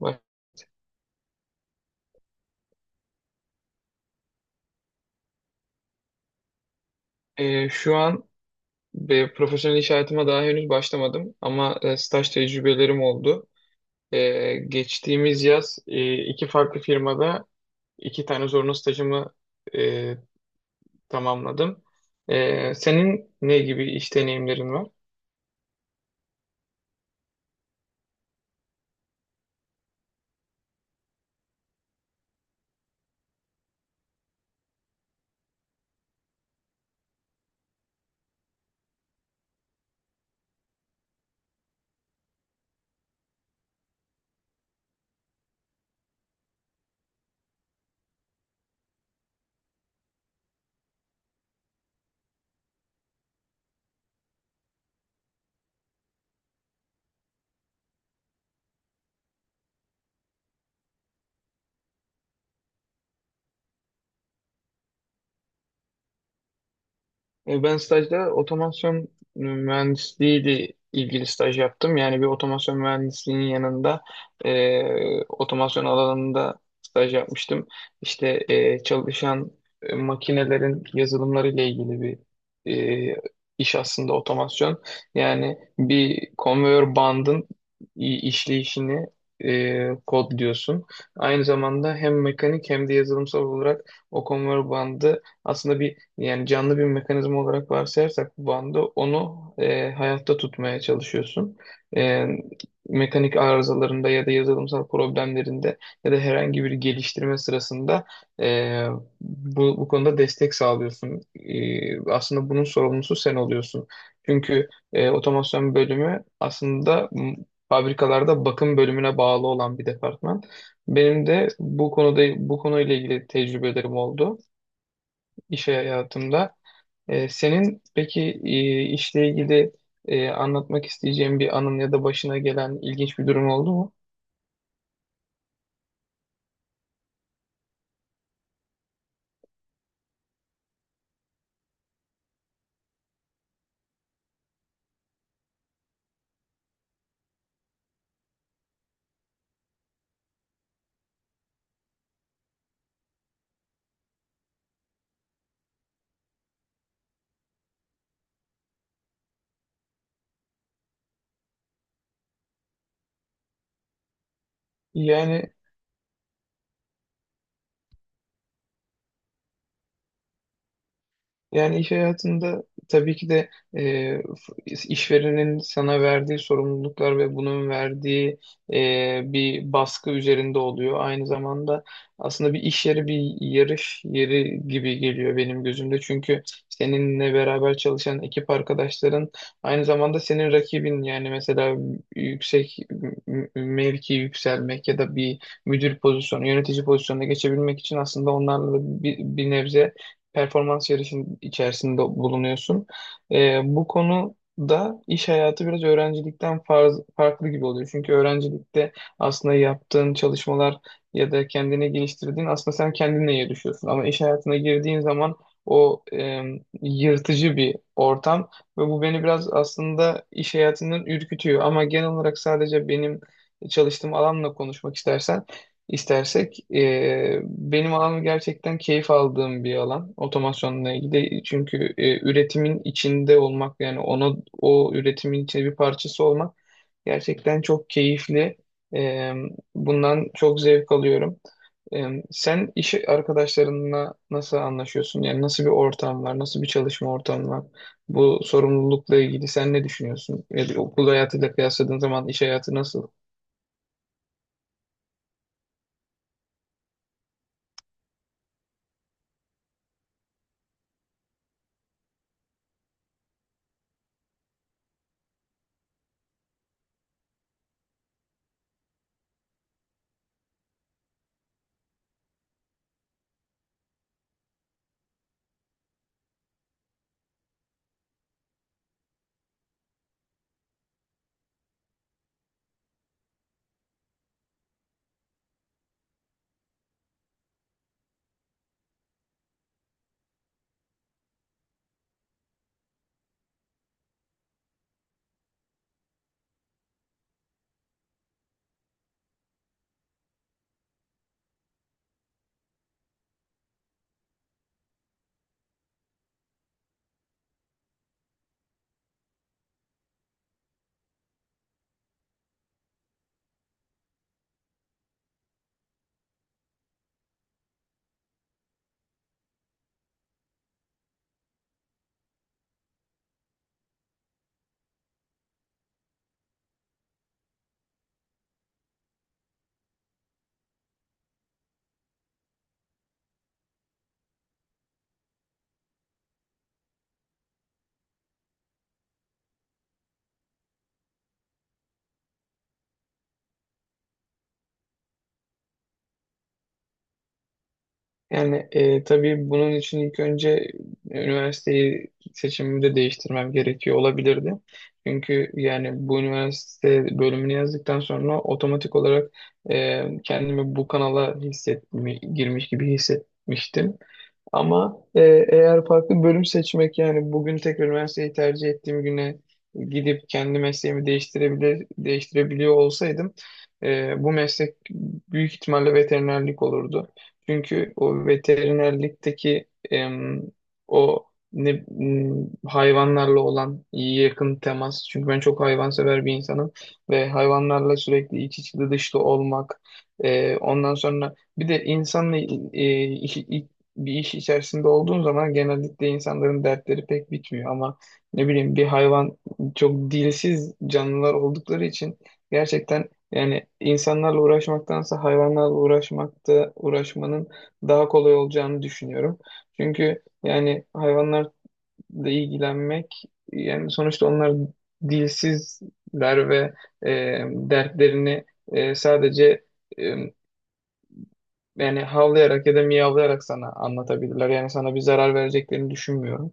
Bak, şu an profesyonel iş hayatıma daha henüz başlamadım ama staj tecrübelerim oldu. Geçtiğimiz yaz iki farklı firmada iki tane zorunlu stajımı e, tamamladım. Senin ne gibi iş deneyimlerin var? Ben stajda otomasyon mühendisliği ile ilgili staj yaptım. Yani bir otomasyon mühendisliğinin yanında otomasyon alanında staj yapmıştım. İşte çalışan makinelerin yazılımları ile ilgili bir e, iş aslında otomasyon. Yani bir konveyör bandın işleyişini kodluyorsun. Aynı zamanda hem mekanik hem de yazılımsal olarak o konveyör bandı aslında bir yani canlı bir mekanizma olarak varsayarsak bu bandı onu hayatta tutmaya çalışıyorsun. E, Mekanik arızalarında ya da yazılımsal problemlerinde ya da herhangi bir geliştirme sırasında e, bu konuda destek sağlıyorsun. Aslında bunun sorumlusu sen oluyorsun. Çünkü otomasyon bölümü aslında fabrikalarda bakım bölümüne bağlı olan bir departman. Benim de bu konuda bu konuyla ilgili tecrübelerim oldu iş hayatımda. Senin peki işle ilgili anlatmak isteyeceğin bir anın ya da başına gelen ilginç bir durum oldu mu? Yani Yani iş hayatında tabii ki de e, f- işverenin sana verdiği sorumluluklar ve bunun verdiği bir baskı üzerinde oluyor. Aynı zamanda aslında bir iş yeri bir yarış yeri gibi geliyor benim gözümde. Çünkü seninle beraber çalışan ekip arkadaşların aynı zamanda senin rakibin yani mesela yüksek mevki yükselmek ya da bir müdür pozisyonu, yönetici pozisyonuna geçebilmek için aslında onlarla da bir nebze performans yarışının içerisinde bulunuyorsun. Bu konu da iş hayatı biraz öğrencilikten farklı gibi oluyor. Çünkü öğrencilikte aslında yaptığın çalışmalar ya da kendini geliştirdiğin aslında sen kendinle yarışıyorsun. Ama iş hayatına girdiğin zaman o yırtıcı bir ortam ve bu beni biraz aslında iş hayatından ürkütüyor. Ama genel olarak sadece benim çalıştığım alanla konuşmak istersek. Benim alanım gerçekten keyif aldığım bir alan otomasyonla ilgili. Çünkü üretimin içinde olmak yani ona o üretimin içinde bir parçası olmak gerçekten çok keyifli. Ee, Bundan çok zevk alıyorum. Sen iş arkadaşlarınla nasıl anlaşıyorsun? Yani nasıl bir ortam var? Nasıl bir çalışma ortamı var? Bu sorumlulukla ilgili sen ne düşünüyorsun? Yani okul hayatıyla kıyasladığın zaman iş hayatı nasıl? Yani tabii bunun için ilk önce üniversiteyi seçimimi de değiştirmem gerekiyor olabilirdi. Çünkü yani bu üniversite bölümünü yazdıktan sonra otomatik olarak kendimi bu kanala girmiş gibi hissetmiştim. Ama eğer farklı bölüm seçmek yani bugün tekrar üniversiteyi tercih ettiğim güne gidip kendi mesleğimi değiştirebiliyor olsaydım bu meslek büyük ihtimalle veterinerlik olurdu. Çünkü o veterinerlikteki o ne, m, hayvanlarla olan yakın temas. Çünkü ben çok hayvansever bir insanım ve hayvanlarla sürekli iç içli dışlı olmak. Ondan sonra bir de insanla e, bir iş içerisinde olduğun zaman genellikle insanların dertleri pek bitmiyor ama ne bileyim bir hayvan çok dilsiz canlılar oldukları için gerçekten yani insanlarla uğraşmaktansa hayvanlarla uğraşmanın daha kolay olacağını düşünüyorum. Çünkü yani hayvanlarla ilgilenmek yani sonuçta onlar dilsizler ve e, dertlerini sadece yani havlayarak ya da miyavlayarak sana anlatabilirler. Yani sana bir zarar vereceklerini düşünmüyorum.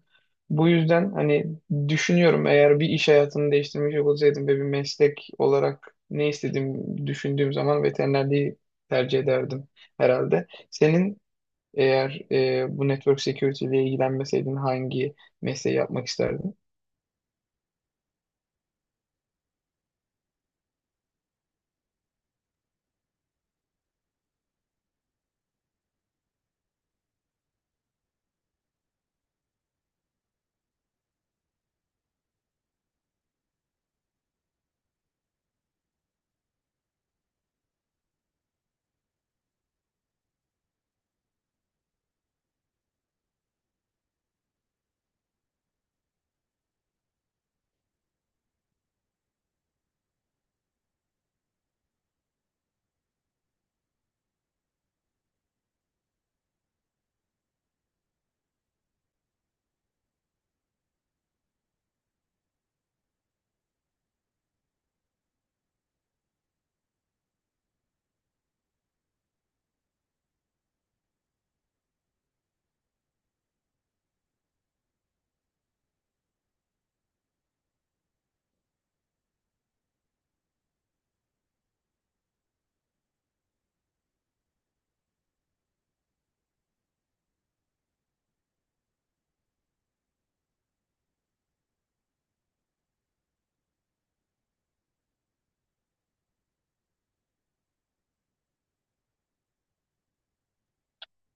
Bu yüzden hani düşünüyorum eğer bir iş hayatını değiştirmeyecek olsaydım ve bir meslek olarak ne istediğimi düşündüğüm zaman veterinerliği tercih ederdim herhalde. Senin eğer bu network security ile ilgilenmeseydin hangi mesleği yapmak isterdin?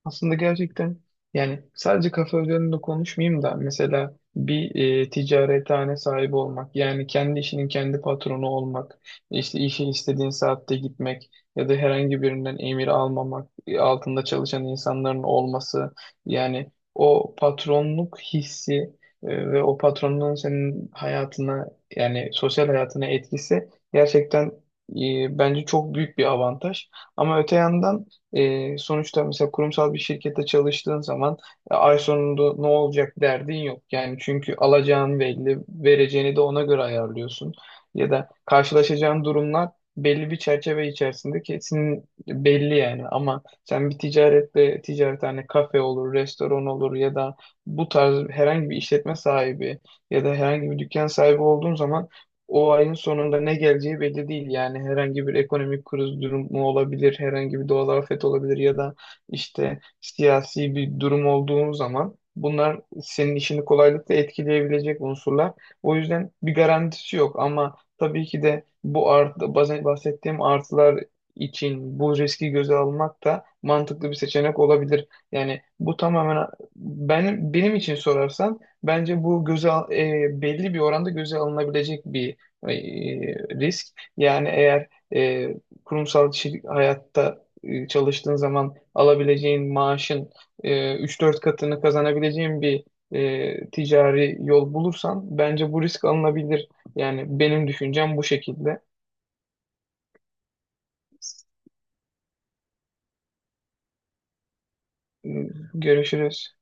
Aslında gerçekten yani sadece kafe üzerinde konuşmayayım da mesela bir ticarethane sahibi olmak yani kendi işinin kendi patronu olmak işte işe istediğin saatte gitmek ya da herhangi birinden emir almamak altında çalışan insanların olması yani o patronluk hissi ve o patronluğun senin hayatına yani sosyal hayatına etkisi gerçekten bence çok büyük bir avantaj ama öte yandan sonuçta mesela kurumsal bir şirkette çalıştığın zaman ay sonunda ne olacak derdin yok. Yani çünkü alacağın belli, vereceğini de ona göre ayarlıyorsun. Ya da karşılaşacağın durumlar belli bir çerçeve içerisinde kesin belli yani. Ama sen bir ticarethane hani kafe olur, restoran olur ya da bu tarz herhangi bir işletme sahibi ya da herhangi bir dükkan sahibi olduğun zaman o ayın sonunda ne geleceği belli değil. Yani herhangi bir ekonomik kriz durumu olabilir, herhangi bir doğal afet olabilir ya da işte siyasi bir durum olduğu zaman bunlar senin işini kolaylıkla etkileyebilecek unsurlar. O yüzden bir garantisi yok ama tabii ki de bu bazen bahsettiğim artılar için bu riski göze almak da mantıklı bir seçenek olabilir. Yani bu tamamen benim için sorarsan bence bu belli bir oranda göze alınabilecek bir e, risk. Yani eğer e, kurumsal hayatta çalıştığın zaman alabileceğin maaşın e, 3-4 katını kazanabileceğin bir ticari yol bulursan bence bu risk alınabilir. Yani benim düşüncem bu şekilde. Görüşürüz.